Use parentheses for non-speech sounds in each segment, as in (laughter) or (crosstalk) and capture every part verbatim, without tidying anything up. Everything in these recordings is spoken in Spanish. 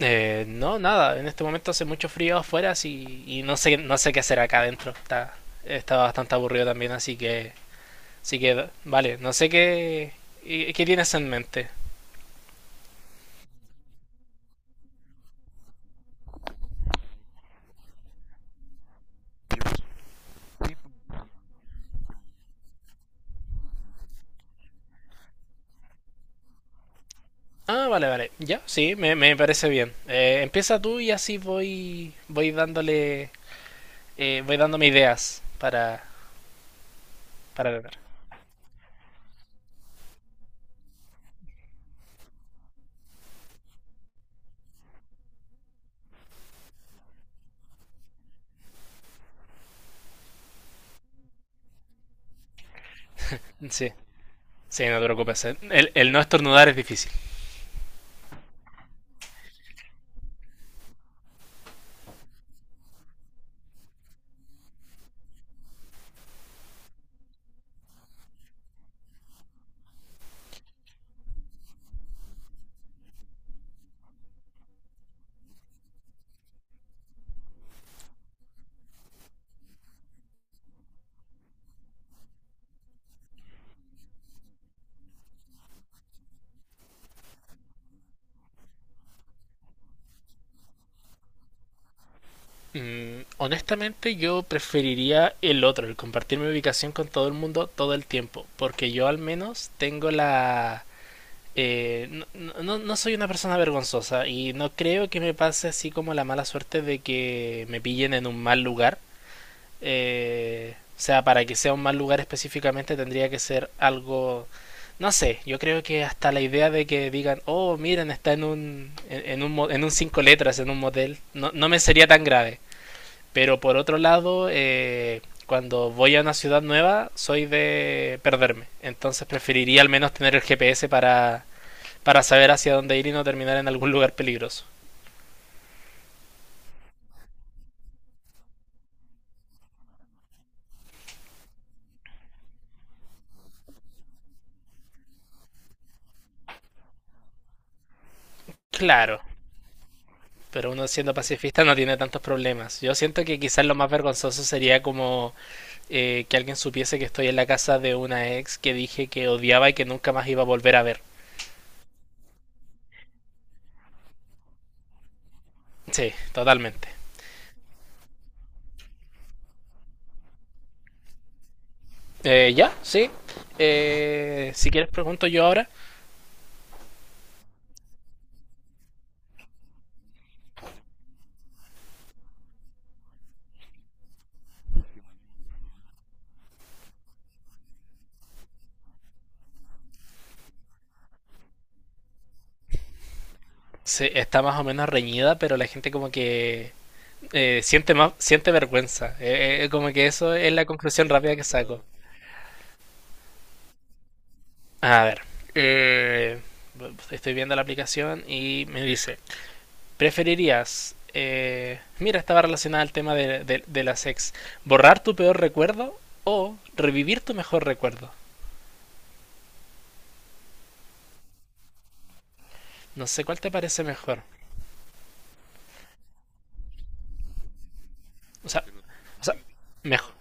Eh, no, nada, en este momento hace mucho frío afuera así, y no sé, no sé qué hacer acá adentro. Está, está bastante aburrido también, así que, así que, vale, no sé qué, y- qué tienes en mente. Ah, vale, vale, ya, sí, me, me parece bien. Eh, empieza tú y así voy, voy dándole, eh, voy dándome ideas para, para tratar. Sí, sí, no te preocupes. eh. El, el no estornudar es difícil. Mm, honestamente yo preferiría el otro, el compartir mi ubicación con todo el mundo todo el tiempo, porque yo al menos tengo la... eh, no, no- no soy una persona vergonzosa y no creo que me pase así como la mala suerte de que me pillen en un mal lugar. Eh, o sea, para que sea un mal lugar específicamente tendría que ser algo... No sé, yo creo que hasta la idea de que digan, oh, miren, está en un, en, en un, mo- en un cinco letras, en un motel, no, no me sería tan grave. Pero por otro lado, eh, cuando voy a una ciudad nueva, soy de perderme. Entonces preferiría al menos tener el G P S para, para saber hacia dónde ir y no terminar en algún lugar peligroso. Claro, pero uno siendo pacifista no tiene tantos problemas. Yo siento que quizás lo más vergonzoso sería como eh, que alguien supiese que estoy en la casa de una ex que dije que odiaba y que nunca más iba a volver a ver. Sí, totalmente. Eh, ya, sí. Eh, si quieres pregunto yo ahora. Sí, está más o menos reñida, pero la gente como que eh, siente más, siente vergüenza. Eh, eh, como que eso es la conclusión rápida que saco. A ver, eh, estoy viendo la aplicación y me dice, ¿preferirías... eh, mira, estaba relacionada al tema de, de- de las ex. ¿Borrar tu peor recuerdo o revivir tu mejor recuerdo? No sé cuál te parece mejor. O sea, o sea, mejor.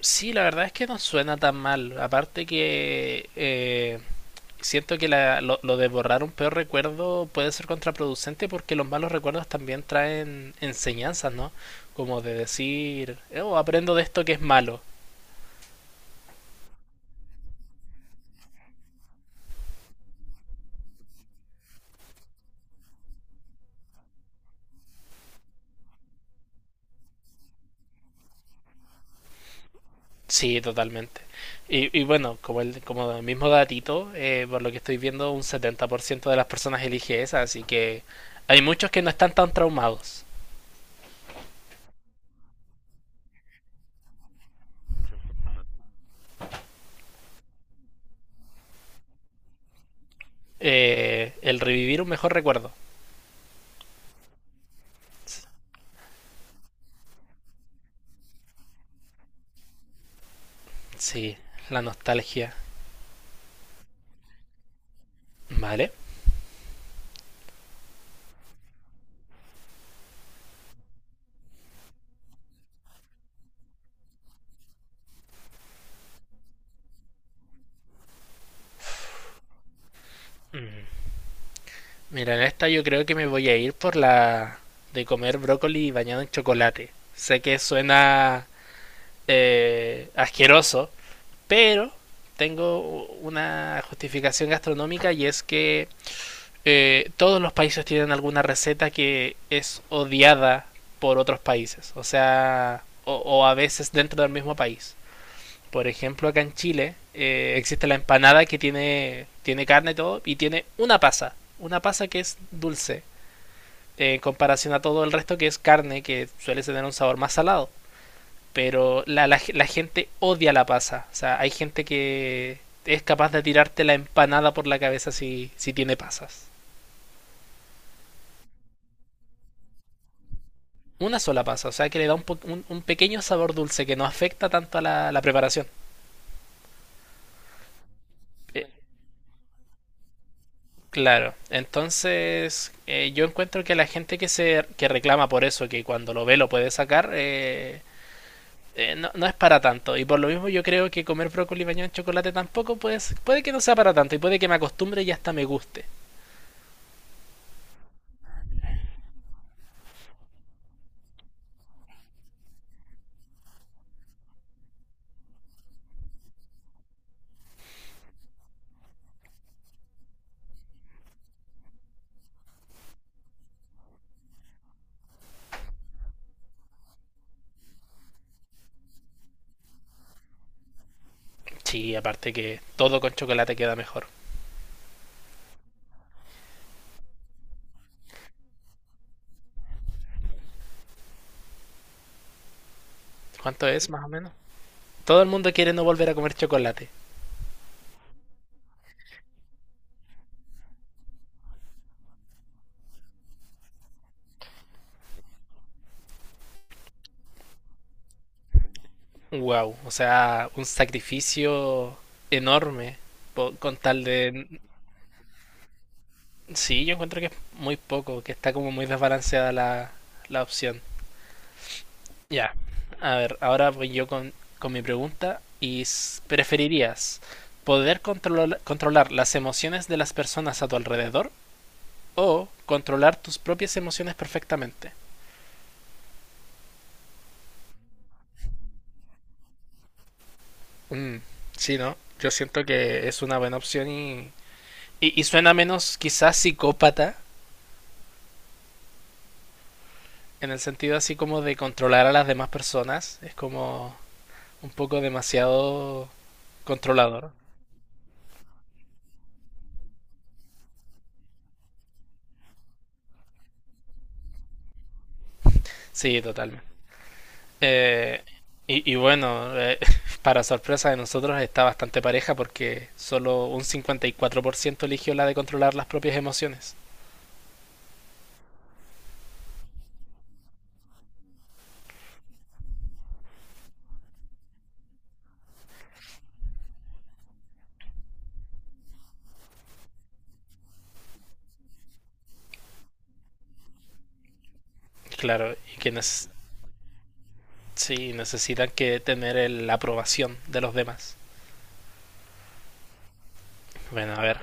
Sí, la verdad es que no suena tan mal. Aparte que eh, siento que la- lo, lo de borrar un peor recuerdo puede ser contraproducente porque los malos recuerdos también traen enseñanzas, ¿no? Como de decir, "Eh, oh, aprendo de esto que es malo. Sí, totalmente. Y, y bueno, como el, como el mismo datito, eh, por lo que estoy viendo, un setenta por ciento de las personas elige esa, así que hay muchos que no están tan traumados. Eh, el revivir un mejor recuerdo. Sí, la nostalgia. Vale. Mira, en esta yo creo que me voy a ir por la de comer brócoli bañado en chocolate. Sé que suena eh, asqueroso, pero tengo una justificación gastronómica y es que eh, todos los países tienen alguna receta que es odiada por otros países, o sea, o, o a veces dentro del mismo país. Por ejemplo, acá en Chile eh, existe la empanada que tiene, tiene carne y todo, y tiene una pasa, una pasa que es dulce, eh, en comparación a todo el resto que es carne, que suele tener un sabor más salado. Pero la, la, la gente odia la pasa, o sea, hay gente que es capaz de tirarte la empanada por la cabeza si, si tiene pasas. Una sola pasa, o sea que le da un, po un, un pequeño sabor dulce que no afecta tanto a la, la preparación. Eh, Claro, entonces eh, yo encuentro que la gente que se que reclama por eso, que cuando lo ve lo puede sacar, eh, eh, no, no es para tanto. Y por lo mismo yo creo que comer brócoli bañado en chocolate tampoco pues puede que no sea para tanto y puede que me acostumbre y hasta me guste. Sí, aparte que todo con chocolate queda mejor. ¿Cuánto es más o menos? Todo el mundo quiere no volver a comer chocolate. Wow, o sea, un sacrificio enorme po- con tal de. Sí, yo encuentro que es muy poco, que está como muy desbalanceada la, la opción. Ya, a ver, ahora voy yo con, con mi pregunta. ¿Y s- preferirías poder controlar, controlar las emociones de las personas a tu alrededor o controlar tus propias emociones perfectamente? Mm, sí, ¿no? Yo siento que es una buena opción y, y, y suena menos quizás psicópata, en el sentido así como de controlar a las demás personas. Es como un poco demasiado controlador. Sí, totalmente. Eh, y, y, bueno, eh, (laughs) para sorpresa de nosotros está bastante pareja porque solo un cincuenta y cuatro por ciento eligió la de controlar las propias emociones. Claro, y quienes sí necesitan que tener el, la aprobación de los demás. Bueno, a ver,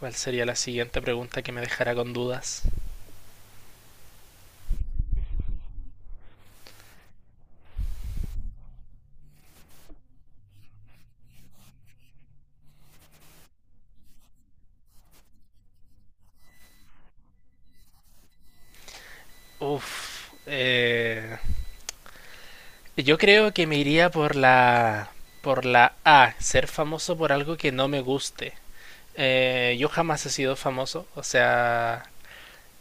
¿cuál sería la siguiente pregunta que me dejará con dudas? Uf, eh, yo creo que me iría por la por la A, ser famoso por algo que no me guste. Eh, yo jamás he sido famoso, o sea,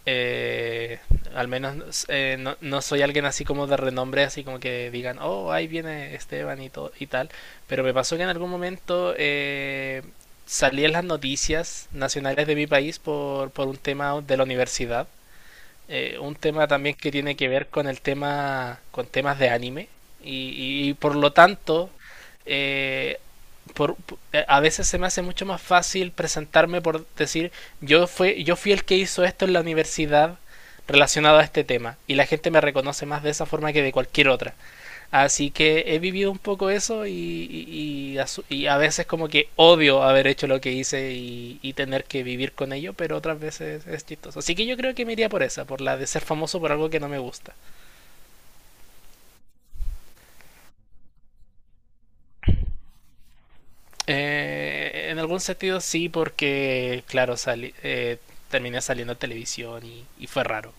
eh, al menos eh, no, no, soy alguien así como de renombre, así como que digan, oh, ahí viene Esteban y, todo, y tal. Pero me pasó que en algún momento eh, salí en las noticias nacionales de mi país por, por un tema de la universidad eh, un tema también que tiene que ver con el tema, con temas de anime. Y, y por lo tanto, eh, por, eh, a veces se me hace mucho más fácil presentarme por decir, yo, fue, yo fui el que hizo esto en la universidad relacionado a este tema. Y la gente me reconoce más de esa forma que de cualquier otra. Así que he vivido un poco eso y, y, y, y a veces como que odio haber hecho lo que hice y, y tener que vivir con ello, pero otras veces es chistoso. Así que yo creo que me iría por esa, por la de ser famoso por algo que no me gusta. Eh, en algún sentido sí, porque claro, sali eh, terminé saliendo a televisión y, y fue raro.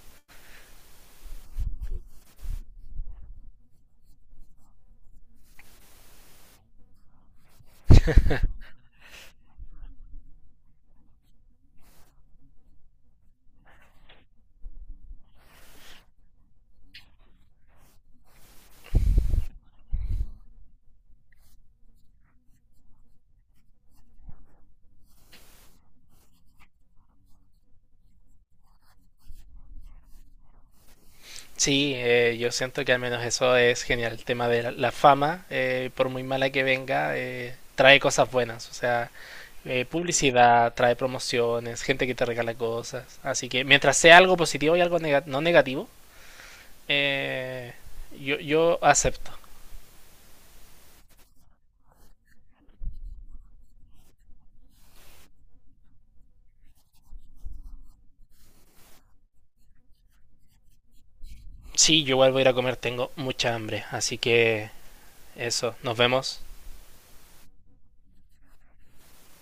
Sí, eh, yo siento que al menos eso es genial. El tema de la, la fama, eh, por muy mala que venga, eh, trae cosas buenas. O sea, eh, publicidad, trae promociones, gente que te regala cosas. Así que mientras sea algo positivo y algo nega- no negativo, eh, yo, yo acepto. Sí, yo igual voy a ir a comer, tengo mucha hambre. Así que eso, nos vemos.